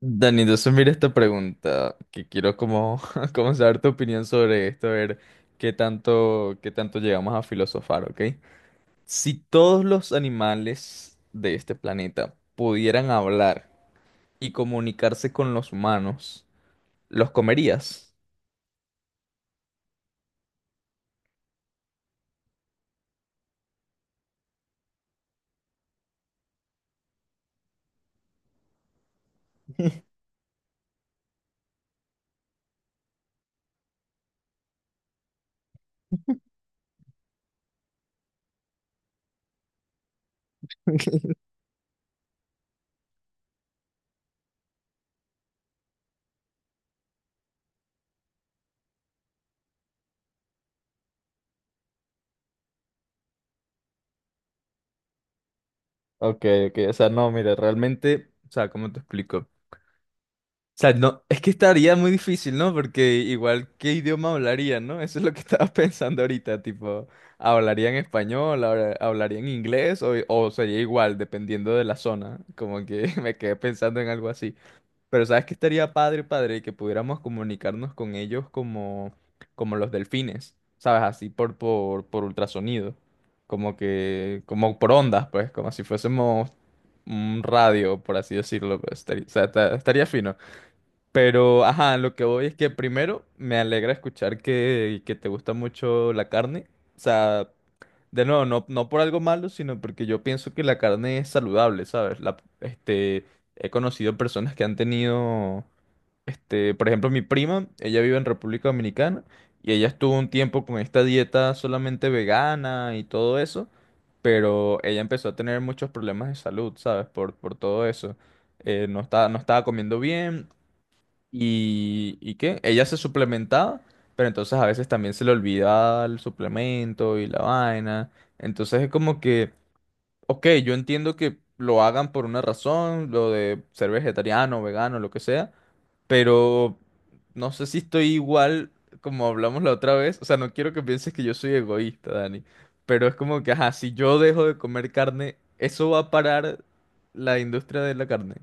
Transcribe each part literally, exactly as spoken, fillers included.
Dani, entonces mira esta pregunta, que quiero como, como saber tu opinión sobre esto, a ver qué tanto, qué tanto llegamos a filosofar, ¿ok? Si todos los animales de este planeta pudieran hablar y comunicarse con los humanos, ¿los comerías? Ok, ok, o sea, no, mira, realmente, o sea, ¿cómo te explico? O sea, no, es que estaría muy difícil, ¿no? Porque igual, ¿qué idioma hablarían, no? Eso es lo que estaba pensando ahorita, tipo, ¿hablarían español, habla- hablarían inglés o, o sería igual, dependiendo de la zona? Como que me quedé pensando en algo así. Pero ¿sabes qué estaría padre, padre? Que pudiéramos comunicarnos con ellos como, como los delfines, ¿sabes? Así por, por, por ultrasonido, como que, como por ondas, pues, como si fuésemos un radio, por así decirlo. Pues, estaría- o sea, esta- estaría fino. Pero, ajá, lo que voy es que primero me alegra escuchar que, que te gusta mucho la carne. O sea, de nuevo, no, no por algo malo, sino porque yo pienso que la carne es saludable, ¿sabes? La, este, he conocido personas que han tenido, este, por ejemplo, mi prima, ella vive en República Dominicana y ella estuvo un tiempo con esta dieta solamente vegana y todo eso, pero ella empezó a tener muchos problemas de salud, ¿sabes? Por, por todo eso. Eh, no está, no estaba comiendo bien. ¿Y, y qué? Ella se suplementaba, pero entonces a veces también se le olvidaba el suplemento y la vaina. Entonces es como que, ok, yo entiendo que lo hagan por una razón, lo de ser vegetariano, vegano, lo que sea, pero no sé si estoy igual como hablamos la otra vez. O sea, no quiero que pienses que yo soy egoísta, Dani, pero es como que, ajá, si yo dejo de comer carne, ¿eso va a parar la industria de la carne?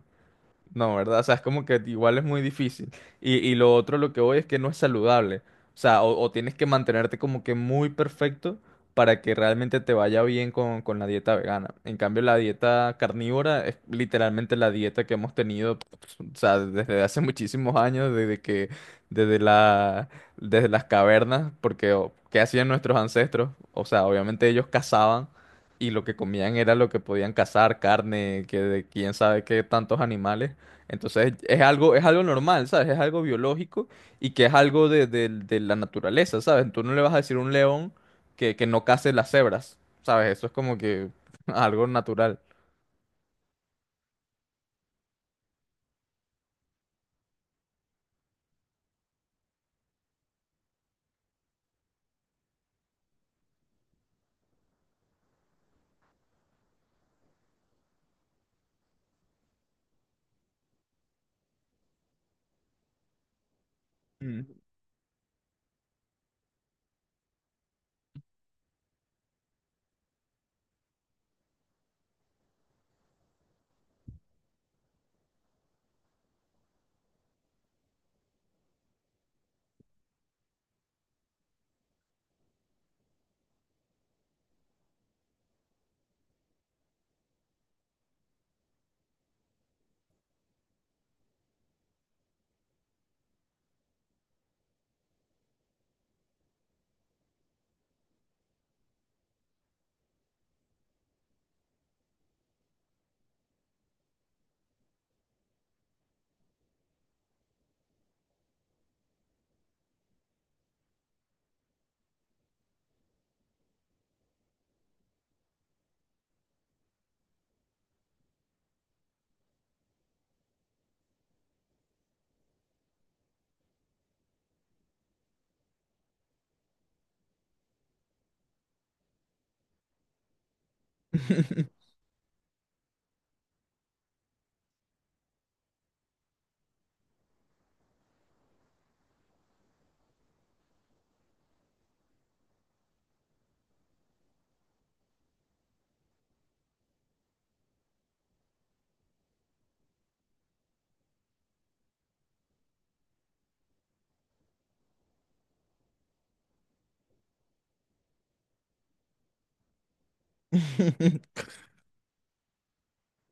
No, ¿verdad? O sea, es como que igual es muy difícil. Y, y lo otro, lo que voy es que no es saludable. O sea, o, o tienes que mantenerte como que muy perfecto para que realmente te vaya bien con, con la dieta vegana. En cambio, la dieta carnívora es literalmente la dieta que hemos tenido, pues, o sea, desde hace muchísimos años, desde que, desde la, desde las cavernas, porque o, ¿qué hacían nuestros ancestros? O sea, obviamente ellos cazaban y lo que comían era lo que podían cazar, carne, que de quién sabe qué tantos animales. Entonces es algo, es algo normal, ¿sabes? Es algo biológico y que es algo de, de- de la naturaleza, ¿sabes? Tú no le vas a decir a un león que, que no case las cebras, ¿sabes? Eso es como que algo natural. Mm.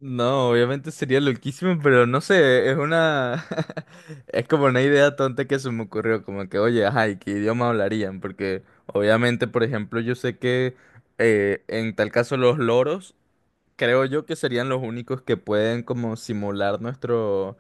No, obviamente sería loquísimo, pero no sé, es una es como una idea tonta que se me ocurrió, como que, oye, ajá, ¿y qué idioma hablarían? Porque obviamente, por ejemplo, yo sé que eh, en tal caso los loros creo yo que serían los únicos que pueden como simular nuestro,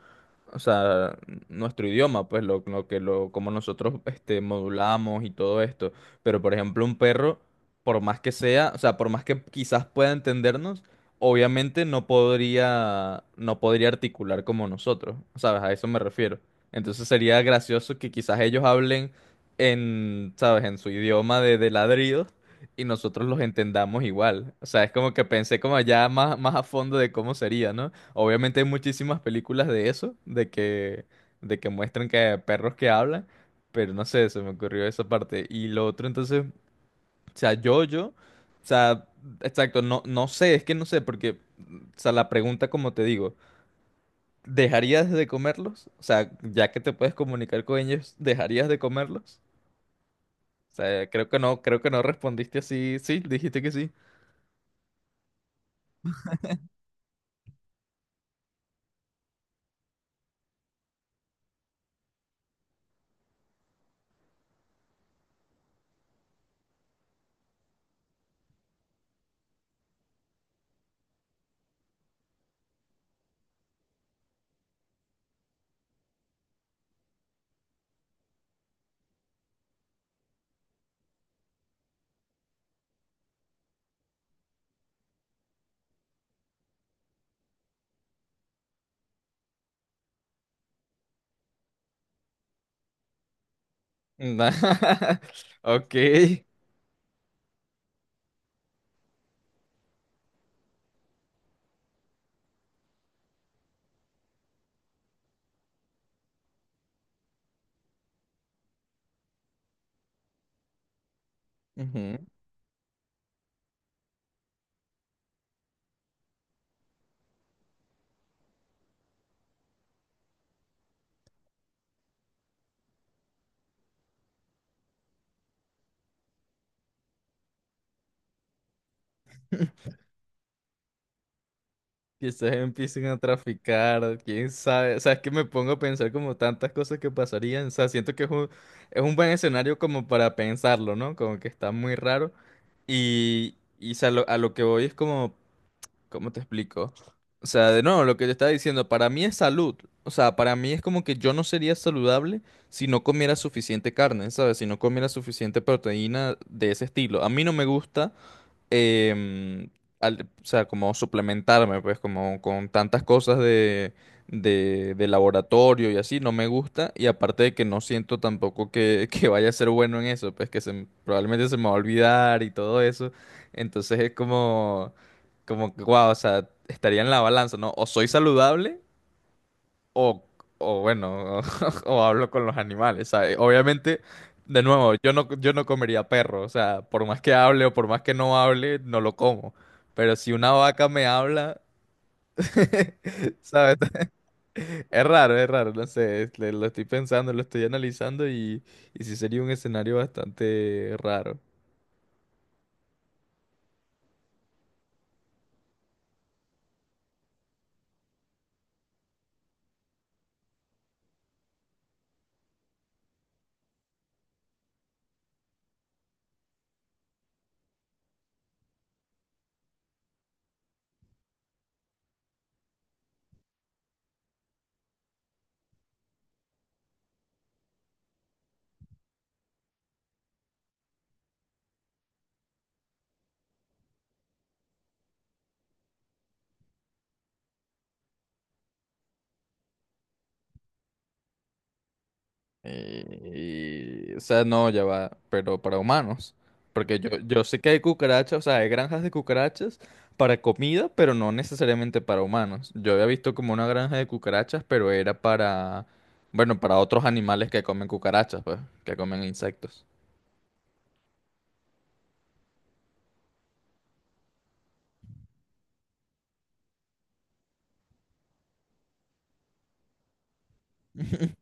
o sea, nuestro idioma, pues lo, lo que lo, como nosotros este, modulamos y todo esto. Pero por ejemplo, un perro, por más que sea, o sea, por más que quizás pueda entendernos, obviamente no podría, no podría articular como nosotros, ¿sabes? A eso me refiero. Entonces sería gracioso que quizás ellos hablen en, ¿sabes? En su idioma de, de ladridos y nosotros los entendamos igual. O sea, es como que pensé como ya más, más a fondo de cómo sería, ¿no? Obviamente hay muchísimas películas de eso, de que, de que muestran que hay perros que hablan, pero no sé, se me ocurrió esa parte. Y lo otro, entonces, o sea, yo, yo, o sea, exacto, no, no sé, es que no sé, porque, o sea, la pregunta, como te digo, ¿dejarías de comerlos? O sea, ya que te puedes comunicar con ellos, ¿dejarías de comerlos? O sea, creo que no, creo que no respondiste así. Sí, dijiste que sí. Na- Ok. Ujú. Quizás empiecen a traficar, quién sabe. O sea, es que me pongo a pensar como tantas cosas que pasarían. O sea, siento que es un, es un buen escenario como para pensarlo, ¿no? Como que está muy raro. Y, y o sea, lo- a lo que voy es como, ¿cómo te explico? O sea, de nuevo, lo que te estaba diciendo, para mí es salud. O sea, para mí es como que yo no sería saludable si no comiera suficiente carne, ¿sabes? Si no comiera suficiente proteína de ese estilo. A mí no me gusta. em, al- o sea, como suplementarme, pues, como con tantas cosas de, de, de laboratorio y así, no me gusta. Y aparte de que no siento tampoco que, que vaya a ser bueno en eso, pues que se, m- probablemente se me va a olvidar y todo eso. Entonces es como, como, wow, o sea, estaría en la balanza, ¿no? O soy saludable. O, o bueno, o hablo con los animales, ¿sabes? Obviamente, de nuevo, yo no, yo no comería perro, o sea, por más que hable o por más que no hable, no lo como. Pero si una vaca me habla, ¿sabes? Es raro, es raro, no sé, es- le- lo estoy pensando, lo estoy analizando y, y sí sería un escenario bastante raro. Y- y- o sea, no, ya va, pero para humanos. Porque yo, yo sé que hay cucarachas, o sea, hay granjas de cucarachas para comida, pero no necesariamente para humanos. Yo había visto como una granja de cucarachas, pero era para, bueno, para otros animales que comen cucarachas, pues, que comen insectos.